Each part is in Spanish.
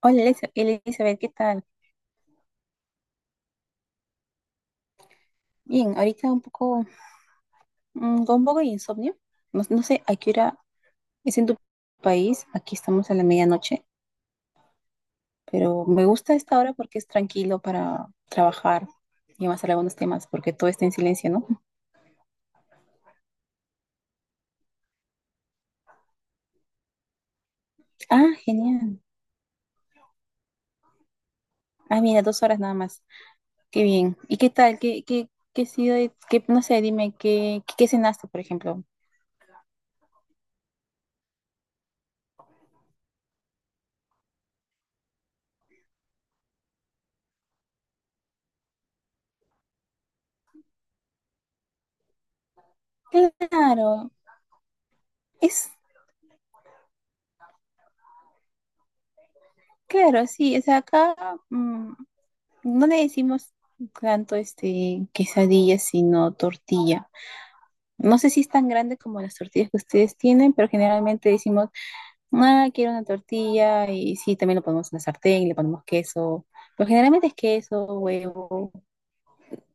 Hola Elizabeth, ¿qué tal? Bien, ahorita un poco, con un poco de insomnio. No sé a qué hora es en tu país. Aquí estamos a la medianoche, pero me gusta esta hora porque es tranquilo para trabajar y avanzar algunos temas, porque todo está en silencio, ¿no? Ah, genial. Ah, mira, dos horas nada más. Qué bien. ¿Y qué tal? ¿Qué, qué ha sido? No sé, dime, ¿qué, qué cenaste, por ejemplo? Claro, es, claro, sí. O sea, acá, mm, no le decimos tanto quesadilla, sino tortilla. No sé si es tan grande como las tortillas que ustedes tienen, pero generalmente decimos, ah, quiero una tortilla, y sí, también lo ponemos en la sartén, le ponemos queso, pero generalmente es queso, huevo,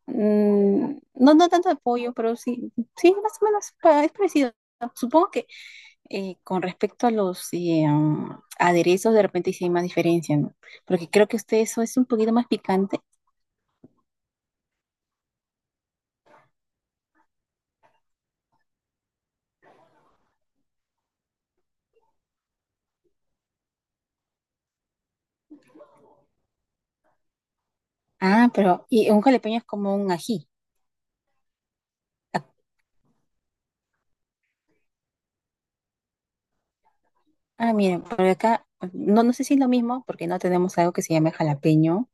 no, no tanto de pollo, pero sí, sí, más o menos es parecido. Supongo que con respecto a los aderezos, de repente sí hay más diferencia, ¿no? Porque creo que usted eso es un poquito más picante. Ah, pero y un jalapeño es como un ají. Ah, ah, miren, por acá no, no sé si es lo mismo porque no tenemos algo que se llame jalapeño,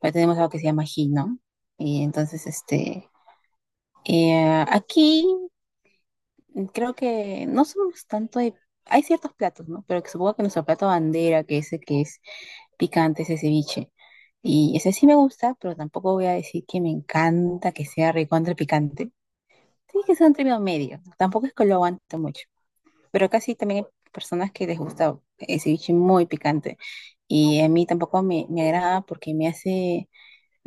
pero tenemos algo que se llama ají, ¿no? Y entonces, aquí creo que no somos tanto de... Hay ciertos platos, ¿no? Pero que supongo que nuestro plato bandera, que ese que es picante, ese ceviche. Y ese sí me gusta, pero tampoco voy a decir que me encanta que sea recontra picante. Sí, que sea un término medio, ¿no? Tampoco es que lo aguante mucho. Pero casi también hay personas que les gusta el ceviche muy picante. Y a mí tampoco me, me agrada porque me hace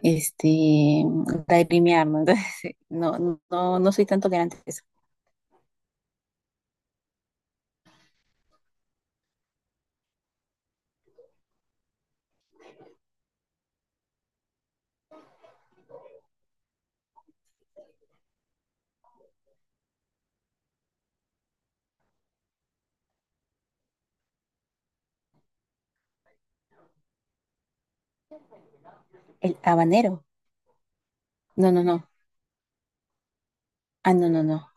este lagrimear, ¿no? Entonces, no, no, no soy tan tolerante a eso. El habanero. No, no, no. Ah, no, no, no.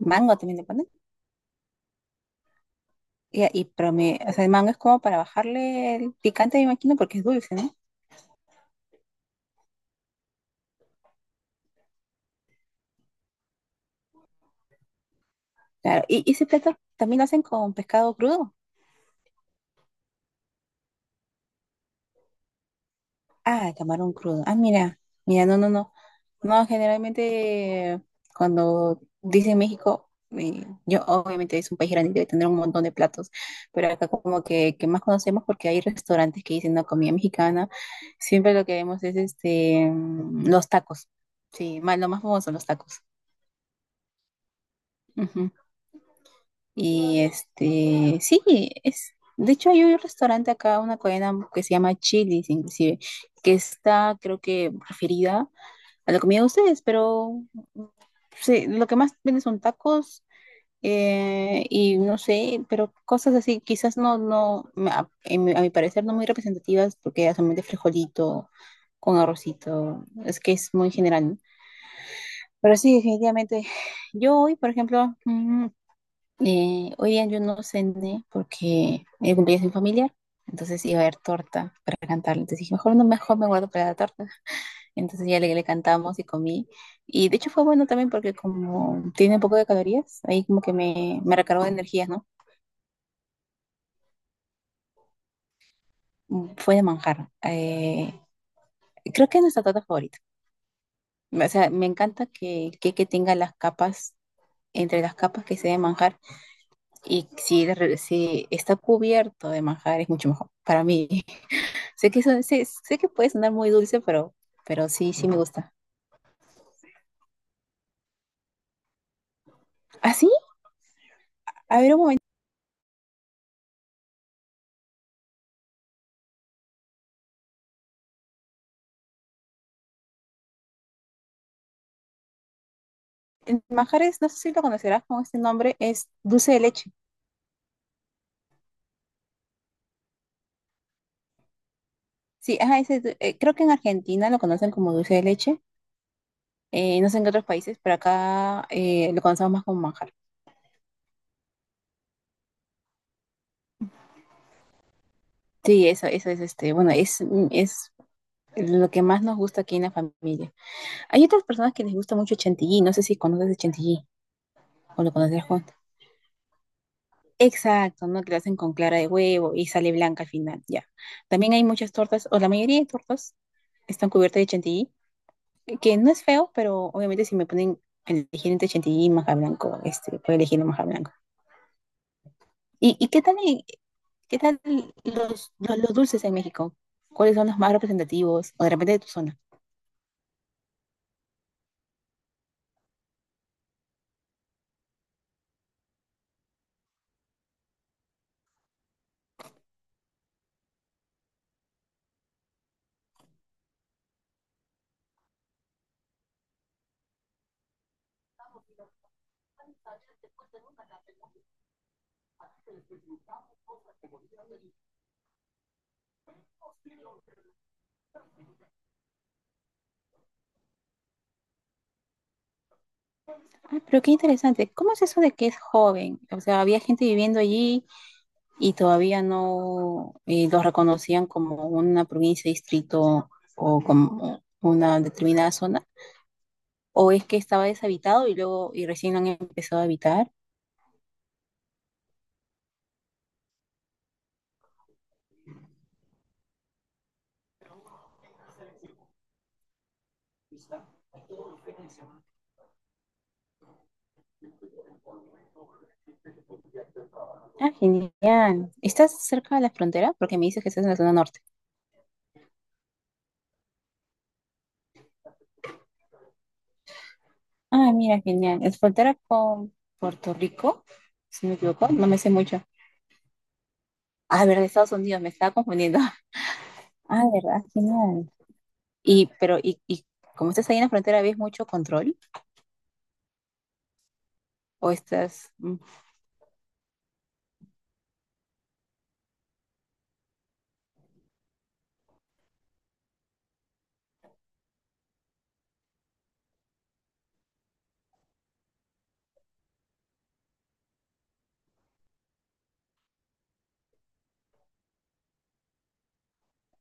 Mango también le ponen. Pero me, o sea, el mango es como para bajarle el picante, me imagino, porque es dulce, ¿no? Claro. Y ese plato también lo hacen con pescado crudo. Ah, camarón crudo. Ah, mira, mira, no, no, no. No, generalmente cuando dicen México, yo obviamente es un país grande y debe tener un montón de platos, pero acá como que más conocemos porque hay restaurantes que dicen no comida mexicana, siempre lo que vemos es los tacos. Sí, más, lo más famoso son los tacos. Ujú. Y este, sí, es de hecho hay un restaurante acá, una cadena que se llama Chili's inclusive, que está creo que referida a la comida de ustedes, pero sí, lo que más venden son tacos y no sé, pero cosas así, quizás no, en a mi parecer no muy representativas porque era solamente frijolito con arrocito, es que es muy general, ¿no? Pero sí, definitivamente, yo hoy, por ejemplo, hoy día yo no cené porque era el cumpleaños de mi familiar, entonces iba a haber torta para cantarle, entonces dije, mejor no, mejor me guardo para la torta. Entonces ya le cantamos y comí. Y de hecho fue bueno también porque como tiene un poco de calorías, ahí como que me recargó de energías, ¿no? Fue de manjar. Creo que es nuestra torta favorita. O sea, me encanta que el que tenga las capas, entre las capas que se de manjar. Y si, si está cubierto de manjar es mucho mejor para mí. Sé que, eso, sé, sé que puede sonar muy dulce, pero sí, sí me gusta. Así, el manjar es, no sé si lo conocerás con este nombre, es dulce de leche. Sí, ajá, creo que en Argentina lo conocen como dulce de leche. No sé en qué otros países, pero acá lo conocemos más como manjar. Sí, eso es bueno, es, es lo que más nos gusta aquí en la familia. Hay otras personas que les gusta mucho el chantilly, no sé si conoces el chantilly o lo conoces Juan. Exacto, ¿no? Que lo hacen con clara de huevo y sale blanca al final, ya. También hay muchas tortas, o la mayoría de tortas están cubiertas de chantilly, que no es feo, pero obviamente si me ponen a elegir entre chantilly y manjar blanco, puedo elegir el manjar blanco. Y qué tal, qué tal los, los dulces en México? ¿Cuáles son los más representativos o de repente de tu zona? Ah, pero qué interesante. ¿Cómo es eso de que es joven? O sea, había gente viviendo allí y todavía no los reconocían como una provincia, distrito o como una determinada zona. ¿O es que estaba deshabitado y luego y recién lo han empezado a habitar? Ah, genial. ¿Estás cerca de la frontera? Porque me dices que estás en la zona norte. Ah, mira, genial. Es frontera con Puerto Rico, si no me equivoco, no me sé mucho. Ah, verdad, Estados Unidos, me estaba confundiendo. Ah, verdad, genial. Y como estás ahí en la frontera, ¿ves mucho control? ¿O estás,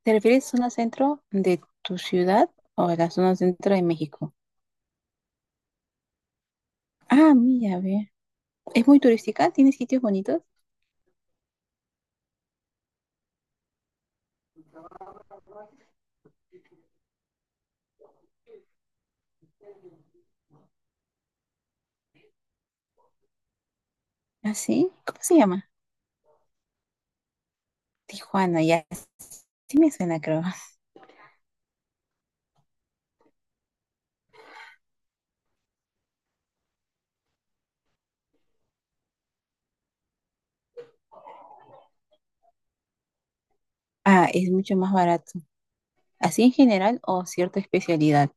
te refieres a zona centro de tu ciudad o a la zona centro de México? Ah, mira, ve. ¿Es muy turística? ¿Tiene sitios bonitos? ¿Ah, sí? ¿Cómo se llama? Tijuana, ya. Sí me suena, creo. Ah, es mucho más barato. ¿Así en general o cierta especialidad?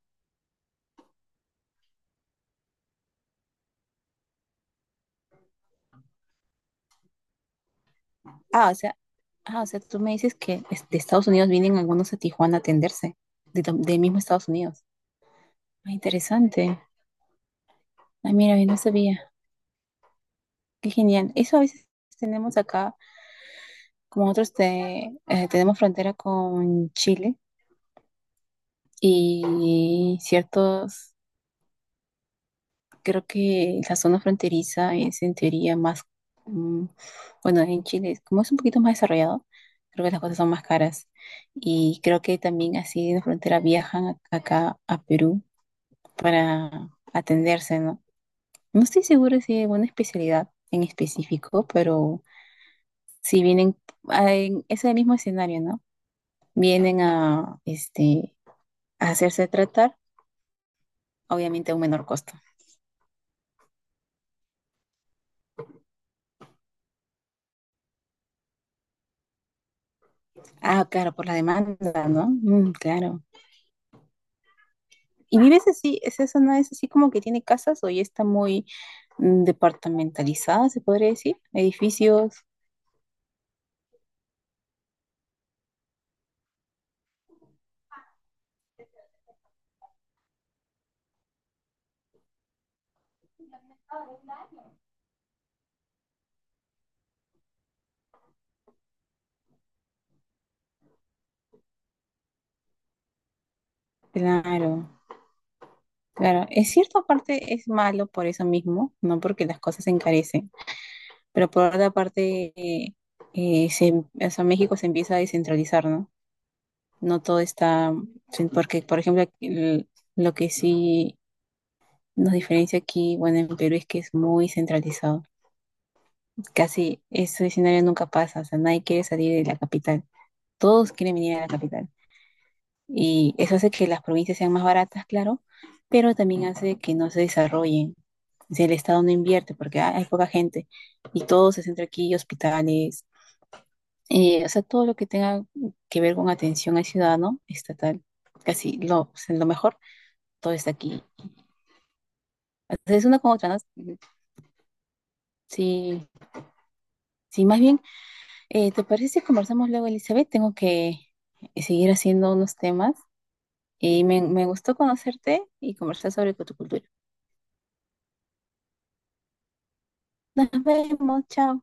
Ah, o sea, ah, o sea, tú me dices que de Estados Unidos vienen algunos a Tijuana a atenderse, de, de mismo Estados Unidos. Ah, interesante. Ah, mira, yo no sabía. Qué genial. Eso a veces tenemos acá, como nosotros tenemos frontera con Chile y ciertos, creo que la zona fronteriza es en teoría más, mm, bueno, en Chile, como es un poquito más desarrollado, creo que las cosas son más caras. Y creo que también así de la frontera viajan acá a Perú para atenderse, ¿no? No estoy segura si hay alguna especialidad en específico, pero si vienen en ese mismo escenario, ¿no? Vienen a, a hacerse tratar, obviamente a un menor costo. Ah, claro, por la demanda, ¿no? Mm, claro. ¿Y vives así? ¿Esa zona es así como que tiene casas o ya está muy departamentalizada, se podría decir? Edificios, claro. Claro, en cierta parte es malo por eso mismo, ¿no? Porque las cosas se encarecen. Pero por otra parte, o sea, México se empieza a descentralizar, ¿no? No todo está, sí, porque por ejemplo, aquí lo que sí nos diferencia aquí, bueno, en Perú es que es muy centralizado. Casi ese escenario nunca pasa, o sea, nadie quiere salir de la capital. Todos quieren venir a la capital. Y eso hace que las provincias sean más baratas, claro, pero también hace que no se desarrollen. O sea, el Estado no invierte porque hay poca gente y todo se centra aquí, hospitales. O sea, todo lo que tenga que ver con atención al ciudadano estatal, casi lo, o sea, lo mejor, todo está aquí. Entonces, es una con otra, ¿no? Sí, sí, más bien, ¿te parece si conversamos luego, Elizabeth? Tengo que seguir haciendo unos temas y me gustó conocerte y conversar sobre tu cultura. Nos vemos, chao.